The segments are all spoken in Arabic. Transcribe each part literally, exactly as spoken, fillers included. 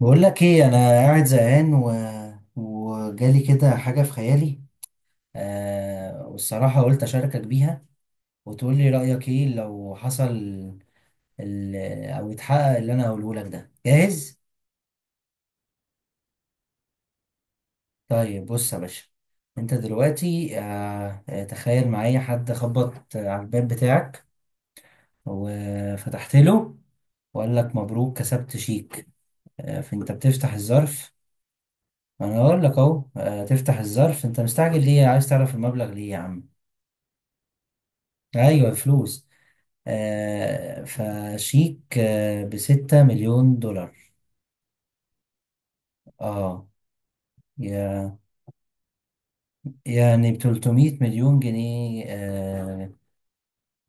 بقول لك ايه، انا قاعد زهقان و... وجالي كده حاجه في خيالي. آه والصراحه قلت اشاركك بيها وتقول لي رايك ايه لو حصل ال... او اتحقق. اللي انا هقوله لك ده جاهز. طيب بص يا باشا، انت دلوقتي آه آه، تخيل معايا حد خبط على الباب بتاعك وفتحت له وقال لك: مبروك، كسبت شيك. آه، فانت بتفتح الظرف. انا اقول لك اهو. آه، تفتح الظرف، انت مستعجل ليه؟ عايز تعرف المبلغ ليه يا عم؟ ايوه، فلوس. آه فشيك آه بستة مليون دولار. اه. يا. يعني ب تلتمية مليون جنيه مليون جنيه آه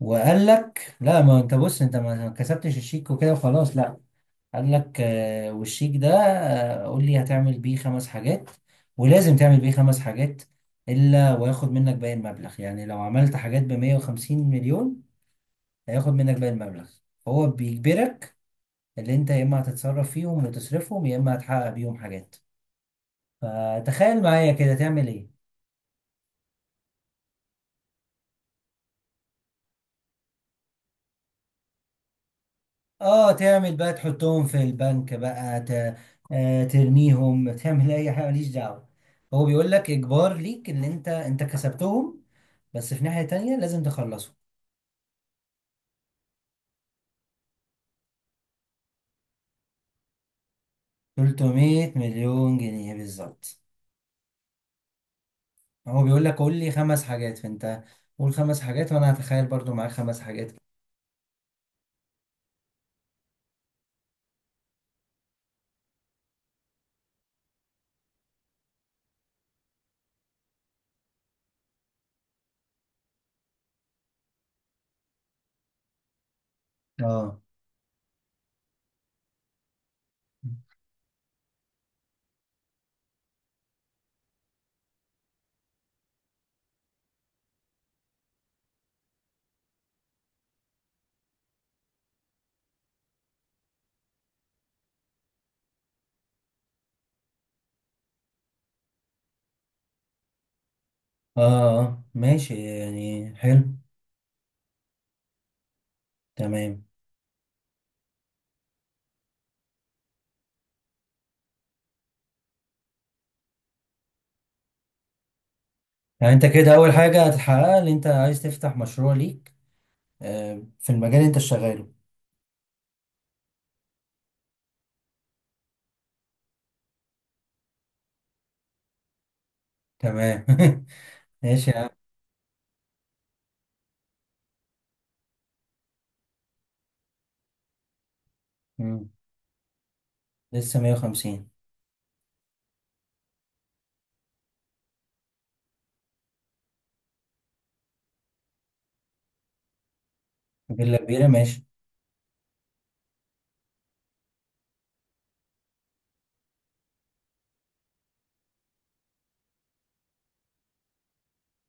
وقال لك لا، ما انت بص، انت ما ما كسبتش الشيك وكده وخلاص. لا، قال لك: آه والشيك ده، آه قول لي هتعمل بيه خمس حاجات، ولازم تعمل بيه خمس حاجات، الا وياخد منك باقي المبلغ. يعني لو عملت حاجات ب 150 مليون، هياخد منك باقي المبلغ. هو بيجبرك. اللي انت يا اما هتتصرف فيهم وتصرفهم، يا اما هتحقق بيهم حاجات. فتخيل معايا كده تعمل ايه؟ اه، تعمل بقى، تحطهم في البنك بقى، ت... آه ترميهم، تعمل اي حاجه، ماليش دعوه. هو بيقول لك اجبار ليك ان انت انت كسبتهم، بس في ناحيه تانية لازم تخلصهم. تلتمية مليون جنيه مليون جنيه بالظبط. هو بيقول لك: قول لي خمس حاجات. فانت قول خمس حاجات، وانا هتخيل برضو معاك خمس حاجات. اه اه آه، ماشي. يعني حلو. تمام. يعني انت كده اول حاجة هتحققها ان انت عايز تفتح مشروع ليك، آه، في المجال اللي انت شغاله. تمام. ماشي يا عم. مم. لسه مية وخمسين. فيلا كبيرة، ماشي.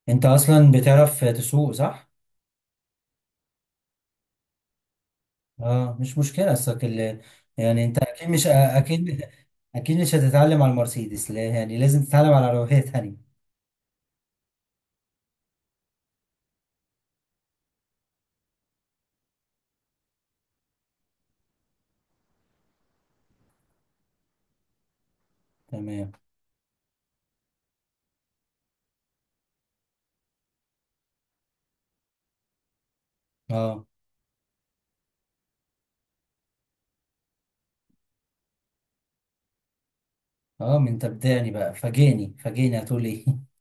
انت اصلا بتعرف تسوق صح؟ اه، مش مشكلة، اصلك ال- يعني انت اكيد، مش اكيد. اكيد مش هتتعلم على المرسيدس، لا. يعني لازم تتعلم على عربية تانية. تمام. اه. اه من تبدعني بقى، فاجئني فاجئني، هتقول ايه؟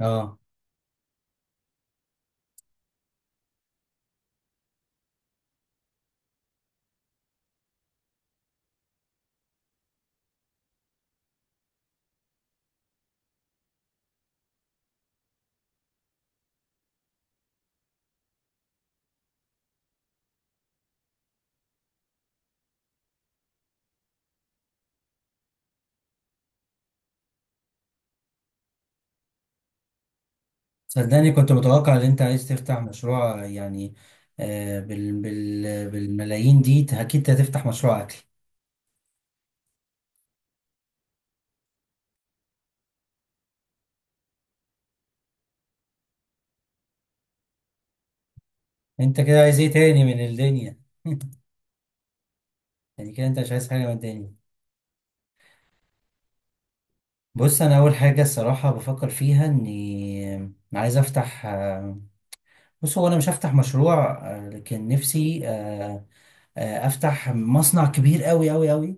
اه صدقني، كنت متوقع ان انت عايز تفتح مشروع. يعني آه، بال بال بالملايين دي، ت- اكيد هتفتح مشروع اكل. انت كده عايز ايه تاني من الدنيا؟ يعني كده انت مش عايز حاجه من الدنيا. بص، انا اول حاجه الصراحه بفكر فيها اني عايز افتح. آه، بص، هو انا مش هفتح مشروع. آه، لكن نفسي، آه، آه، افتح مصنع كبير قوي قوي قوي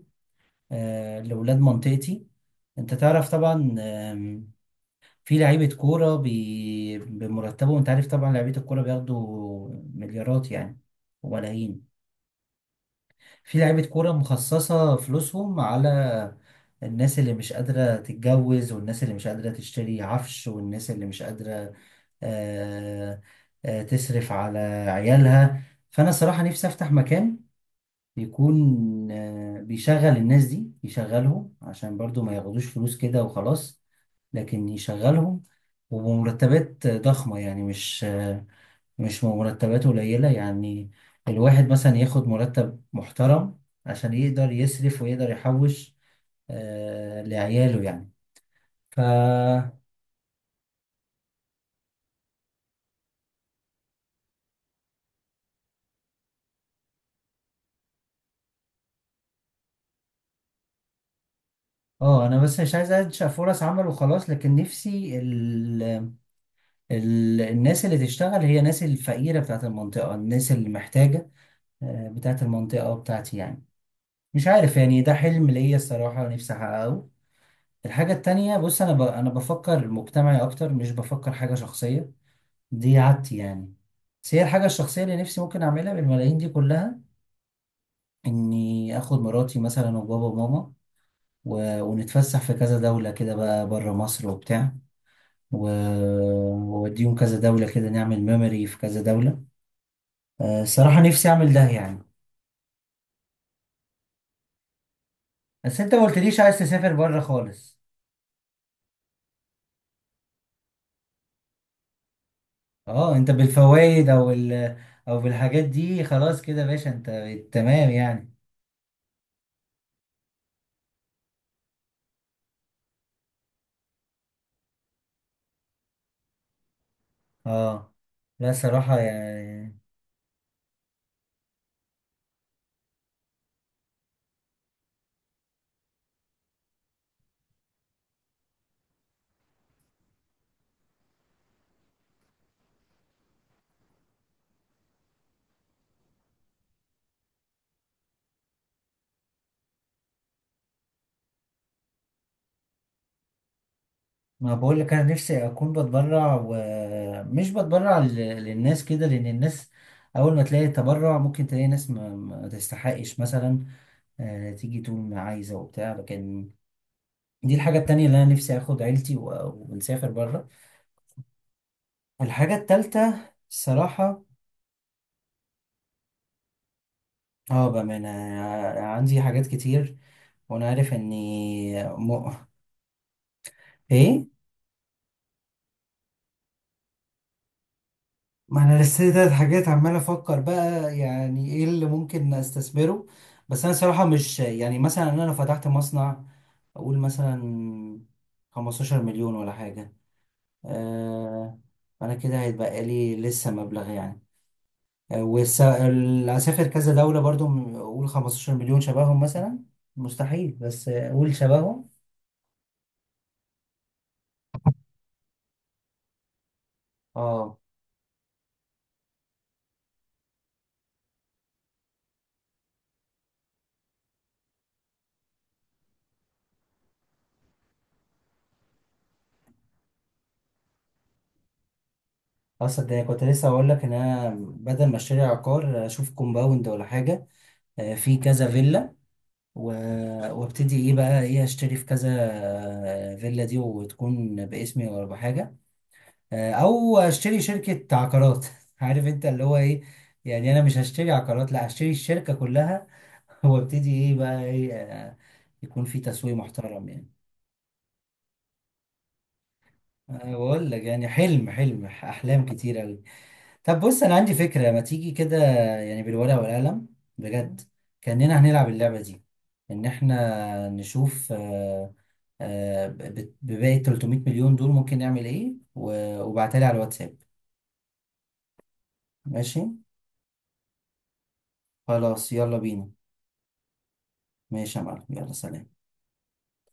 لاولاد منطقتي. انت تعرف طبعا، في لعيبة كورة بي... بمرتبهم انت عارف طبعا. لعيبة الكورة بياخدوا مليارات يعني وملايين. في لعيبة كورة مخصصة فلوسهم على الناس اللي مش قادرة تتجوز، والناس اللي مش قادرة تشتري عفش، والناس اللي مش قادرة آه... آه... تصرف على عيالها. فأنا صراحة نفسي أفتح مكان يكون آه... بيشغل الناس دي، يشغلهم عشان برضو ما ياخدوش فلوس كده وخلاص، لكن يشغلهم، وبمرتبات ضخمة. يعني مش مش مرتبات قليلة. يعني الواحد مثلا ياخد مرتب محترم عشان يقدر يصرف ويقدر يحوش آه لعياله يعني. ف اه، انا بس مش عايز انشأ فرص عمل وخلاص، لكن نفسي ال... ال... الناس اللي تشتغل هي الناس الفقيرة بتاعت المنطقة، الناس اللي محتاجة، آه، بتاعت المنطقة بتاعتي يعني. مش عارف، يعني ده حلم ليا الصراحة نفسي أحققه. الحاجة التانية: بص، أنا ب... أنا بفكر مجتمعي أكتر، مش بفكر حاجة شخصية، دي عادتي يعني. بس هي الحاجة الشخصية اللي نفسي ممكن أعملها بالملايين دي كلها إني آخد مراتي مثلا وبابا وماما و... ونتفسح في كذا دولة كده بقى بره مصر وبتاع و... وأوديهم كذا دولة كده، نعمل ميموري في كذا دولة. آه، الصراحة نفسي أعمل ده يعني. بس أنت ما قلتليش عايز تسافر بره خالص؟ أه، أنت بالفوايد أو ال... أو بالحاجات دي خلاص كده يا باشا، أنت تمام يعني. اه. لا صراحة يعني. ما بقول لك انا نفسي اكون بتبرع ومش بتبرع ل- للناس كده، لان الناس اول ما تلاقي تبرع ممكن تلاقي ناس ما, ما تستحقش مثلا. آه تيجي تقول ما عايزة وبتاع لكن. دي الحاجة التانية اللي انا نفسي اخد عيلتي و- ونسافر بره. الحاجة التالتة الصراحة. اه، بأمانة أنا عندي حاجات كتير، وانا عارف اني م... ايه؟ ما انا لسه تلات حاجات عمال افكر بقى يعني ايه اللي ممكن استثمره. بس انا صراحة مش. يعني مثلا انا لو فتحت مصنع، اقول مثلا 15 مليون ولا حاجة، آه انا كده هيتبقى لي لسه مبلغ يعني. آه والس- ال- هسافر كذا دولة برضو. م- اقول 15 مليون شبههم مثلا مستحيل، بس آه، اقول شبههم. اه، اصل ده كنت لسه اقول لك ان انا بدل ما اشتري عقار اشوف كومباوند ولا حاجة، آه في كذا فيلا و... وابتدي ايه بقى، ايه، اشتري في كذا آه، فيلا دي وتكون باسمي ولا بحاجه، آه، او اشتري شركه عقارات. عارف انت اللي هو ايه، يعني انا مش هشتري عقارات، لا، هشتري الشركه كلها. وابتدي ايه بقى، ايه، آه، يكون في تسويق محترم يعني. أه، بقول لك، يعني حلم، حلم، احلام كتير قوي. طب بص، انا عندي فكره، ما تيجي كده يعني بالورقه والقلم بجد، كاننا هنلعب اللعبه دي، ان احنا نشوف آه، آه، ب- ب- بباقي 300 مليون دول ممكن نعمل ايه، و- وابعتها لي على الواتساب. ماشي. خلاص، يلا بينا. ماشي. يا معلم، يلا سلام.